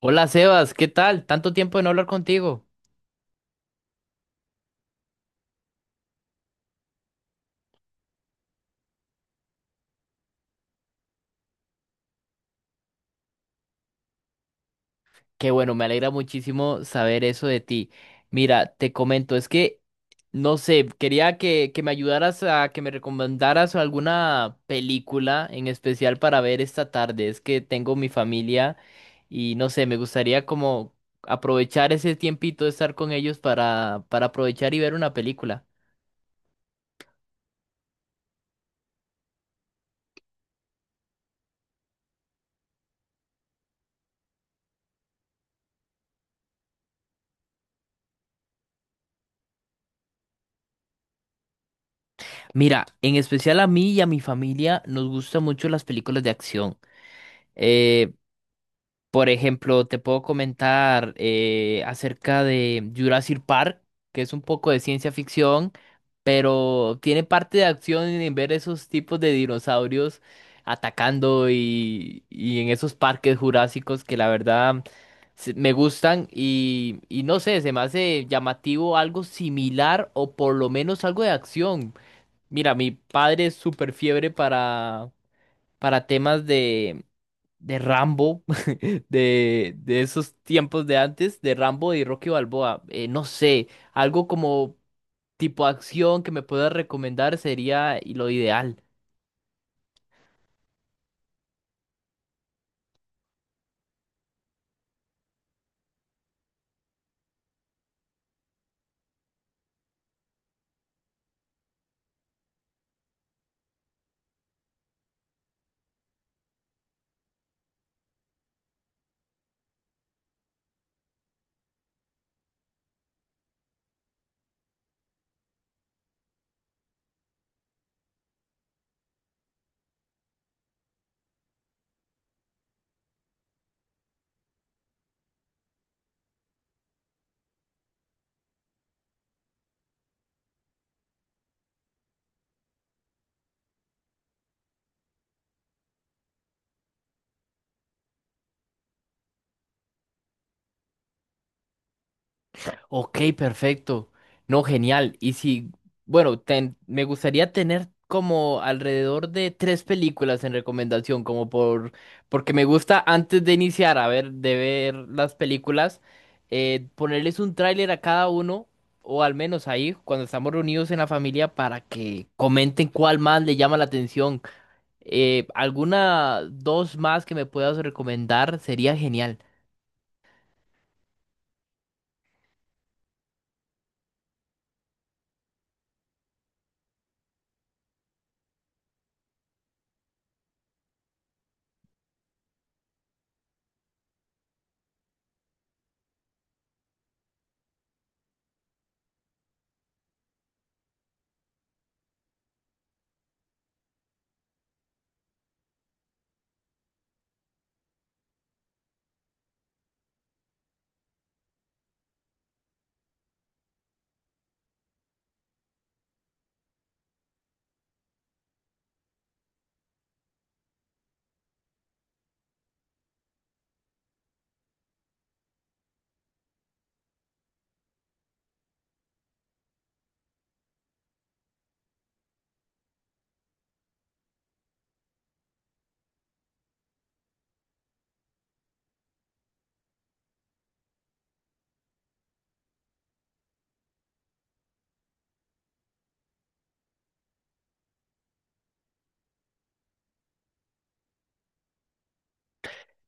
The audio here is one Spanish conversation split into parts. Hola Sebas, ¿qué tal? Tanto tiempo de no hablar contigo. Qué bueno, me alegra muchísimo saber eso de ti. Mira, te comento, es que, no sé, quería que me ayudaras a que me recomendaras alguna película en especial para ver esta tarde. Es que tengo mi familia y no sé, me gustaría como aprovechar ese tiempito de estar con ellos para aprovechar y ver una película. Mira, en especial a mí y a mi familia nos gustan mucho las películas de acción. Eh, por ejemplo, te puedo comentar acerca de Jurassic Park, que es un poco de ciencia ficción, pero tiene parte de acción en ver esos tipos de dinosaurios atacando y en esos parques jurásicos que la verdad me gustan y no sé, se me hace llamativo algo similar o por lo menos algo de acción. Mira, mi padre es súper fiebre para temas de Rambo, de esos tiempos de antes, de Rambo y Rocky Balboa. No sé, algo como tipo acción que me puedas recomendar sería lo ideal. Ok, perfecto. No, genial. Y si, bueno, me gustaría tener como alrededor de tres películas en recomendación, porque me gusta antes de iniciar a ver, de ver las películas, ponerles un tráiler a cada uno, o al menos ahí, cuando estamos reunidos en la familia, para que comenten cuál más le llama la atención. Alguna dos más que me puedas recomendar sería genial.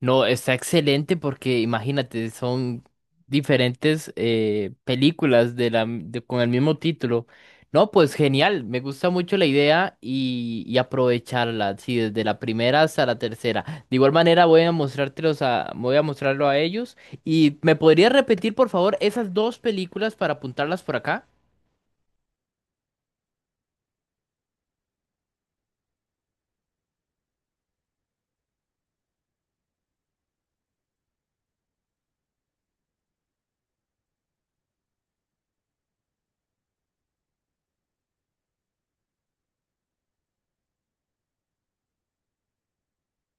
No, está excelente porque imagínate, son diferentes películas de la con el mismo título. No, pues genial, me gusta mucho la idea y aprovecharla, sí, desde la primera hasta la tercera. De igual manera voy a mostrarlo a ellos. ¿Y me podrías repetir, por favor, esas dos películas para apuntarlas por acá?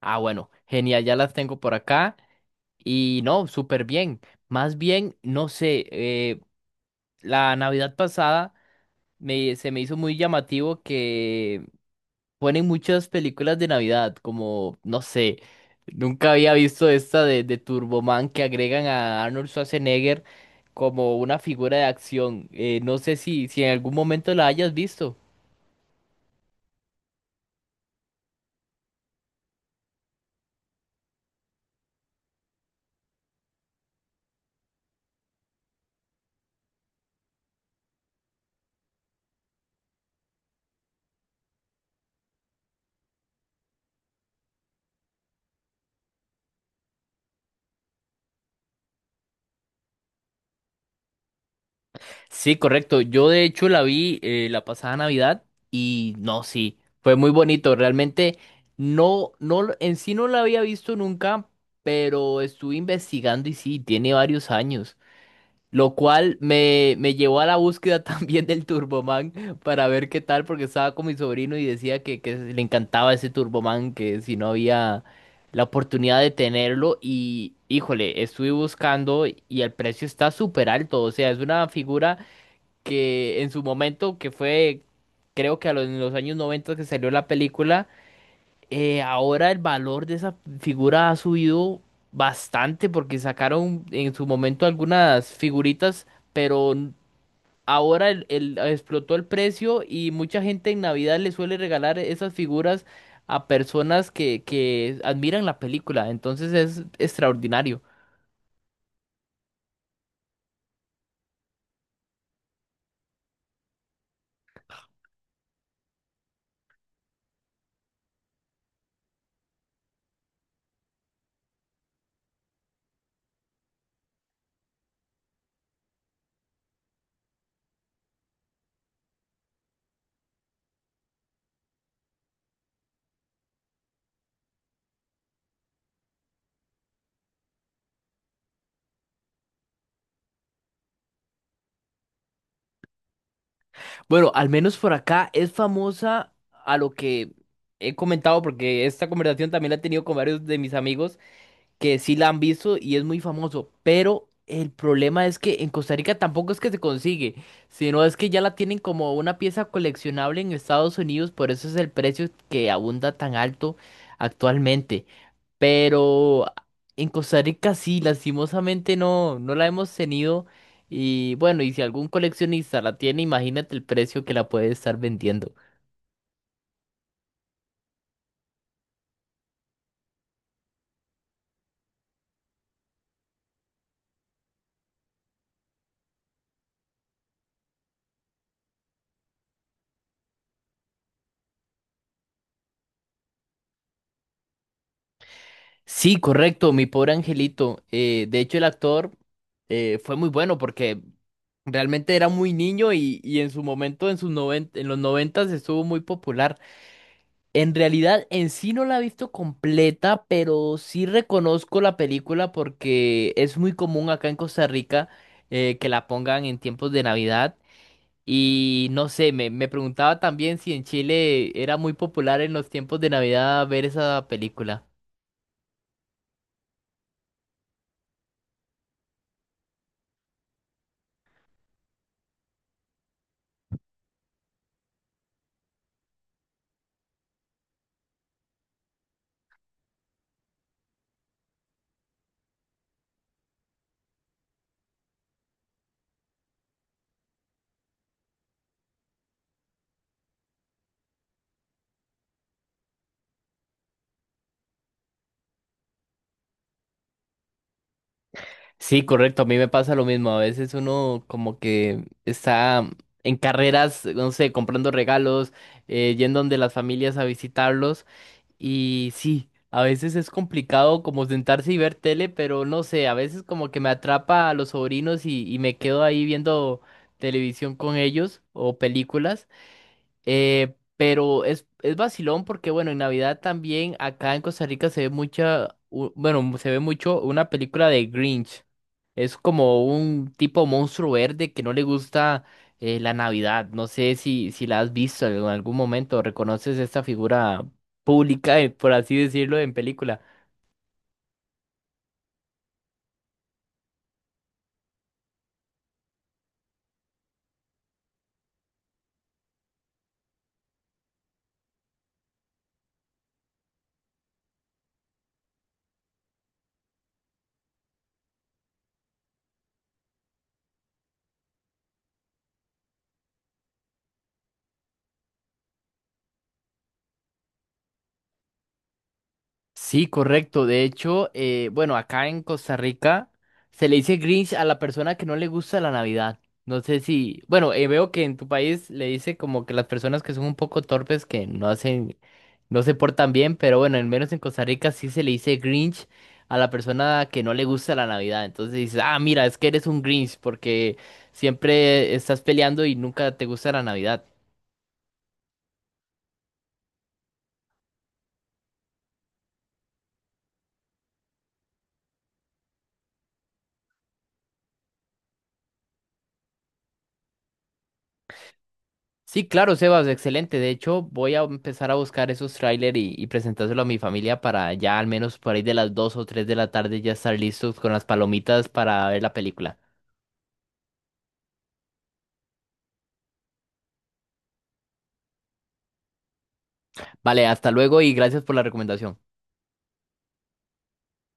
Ah, bueno, genial, ya las tengo por acá. Y no, súper bien. Más bien, no sé, la Navidad pasada. Se me hizo muy llamativo que ponen muchas películas de Navidad, como, no sé, nunca había visto esta de Turboman que agregan a Arnold Schwarzenegger como una figura de acción. No sé si, si en algún momento la hayas visto. Sí, correcto. Yo de hecho la vi la pasada Navidad y no, sí, fue muy bonito. Realmente no, en sí no la había visto nunca, pero estuve investigando y sí, tiene varios años. Lo cual me llevó a la búsqueda también del Turboman para ver qué tal, porque estaba con mi sobrino y decía que le encantaba ese Turboman, que si no había la oportunidad de tenerlo. Y híjole, estuve buscando y el precio está súper alto. O sea, es una figura que en su momento, que fue, creo que en los años 90 que salió la película. Ahora el valor de esa figura ha subido bastante porque sacaron en su momento algunas figuritas, pero ahora explotó el precio y mucha gente en Navidad le suele regalar esas figuras a personas que admiran la película. Entonces es extraordinario. Bueno, al menos por acá es famosa a lo que he comentado porque esta conversación también la he tenido con varios de mis amigos que sí la han visto y es muy famoso, pero el problema es que en Costa Rica tampoco es que se consigue, sino es que ya la tienen como una pieza coleccionable en Estados Unidos, por eso es el precio que abunda tan alto actualmente. Pero en Costa Rica sí, lastimosamente no, no la hemos tenido y bueno, y si algún coleccionista la tiene, imagínate el precio que la puede estar vendiendo. Sí, correcto, mi pobre angelito. De hecho, el actor fue muy bueno porque realmente era muy niño y en su momento, en en los noventas estuvo muy popular. En realidad, en sí no la he visto completa, pero sí reconozco la película porque es muy común acá en Costa Rica que la pongan en tiempos de Navidad. Y no sé, me preguntaba también si en Chile era muy popular en los tiempos de Navidad ver esa película. Sí, correcto, a mí me pasa lo mismo. A veces uno como que está en carreras, no sé, comprando regalos, yendo donde las familias a visitarlos. Y sí, a veces es complicado como sentarse y ver tele, pero no sé, a veces como que me atrapa a los sobrinos y me quedo ahí viendo televisión con ellos o películas. Pero es vacilón porque, bueno, en Navidad también acá en Costa Rica se ve mucha, u- bueno, se ve mucho una película de Grinch. Es como un tipo monstruo verde que no le gusta la Navidad. No sé si, si la has visto en algún momento, reconoces esta figura pública, por así decirlo, en película. Sí, correcto. De hecho, bueno, acá en Costa Rica se le dice Grinch a la persona que no le gusta la Navidad. No sé si, bueno, veo que en tu país le dice como que las personas que son un poco torpes, que no hacen, no se portan bien, pero bueno, al menos en Costa Rica sí se le dice Grinch a la persona que no le gusta la Navidad. Entonces dices, ah, mira, es que eres un Grinch porque siempre estás peleando y nunca te gusta la Navidad. Sí, claro, Sebas, excelente. De hecho, voy a empezar a buscar esos tráiler y presentárselo a mi familia para ya al menos por ahí de las 2 o 3 de la tarde ya estar listos con las palomitas para ver la película. Vale, hasta luego y gracias por la recomendación.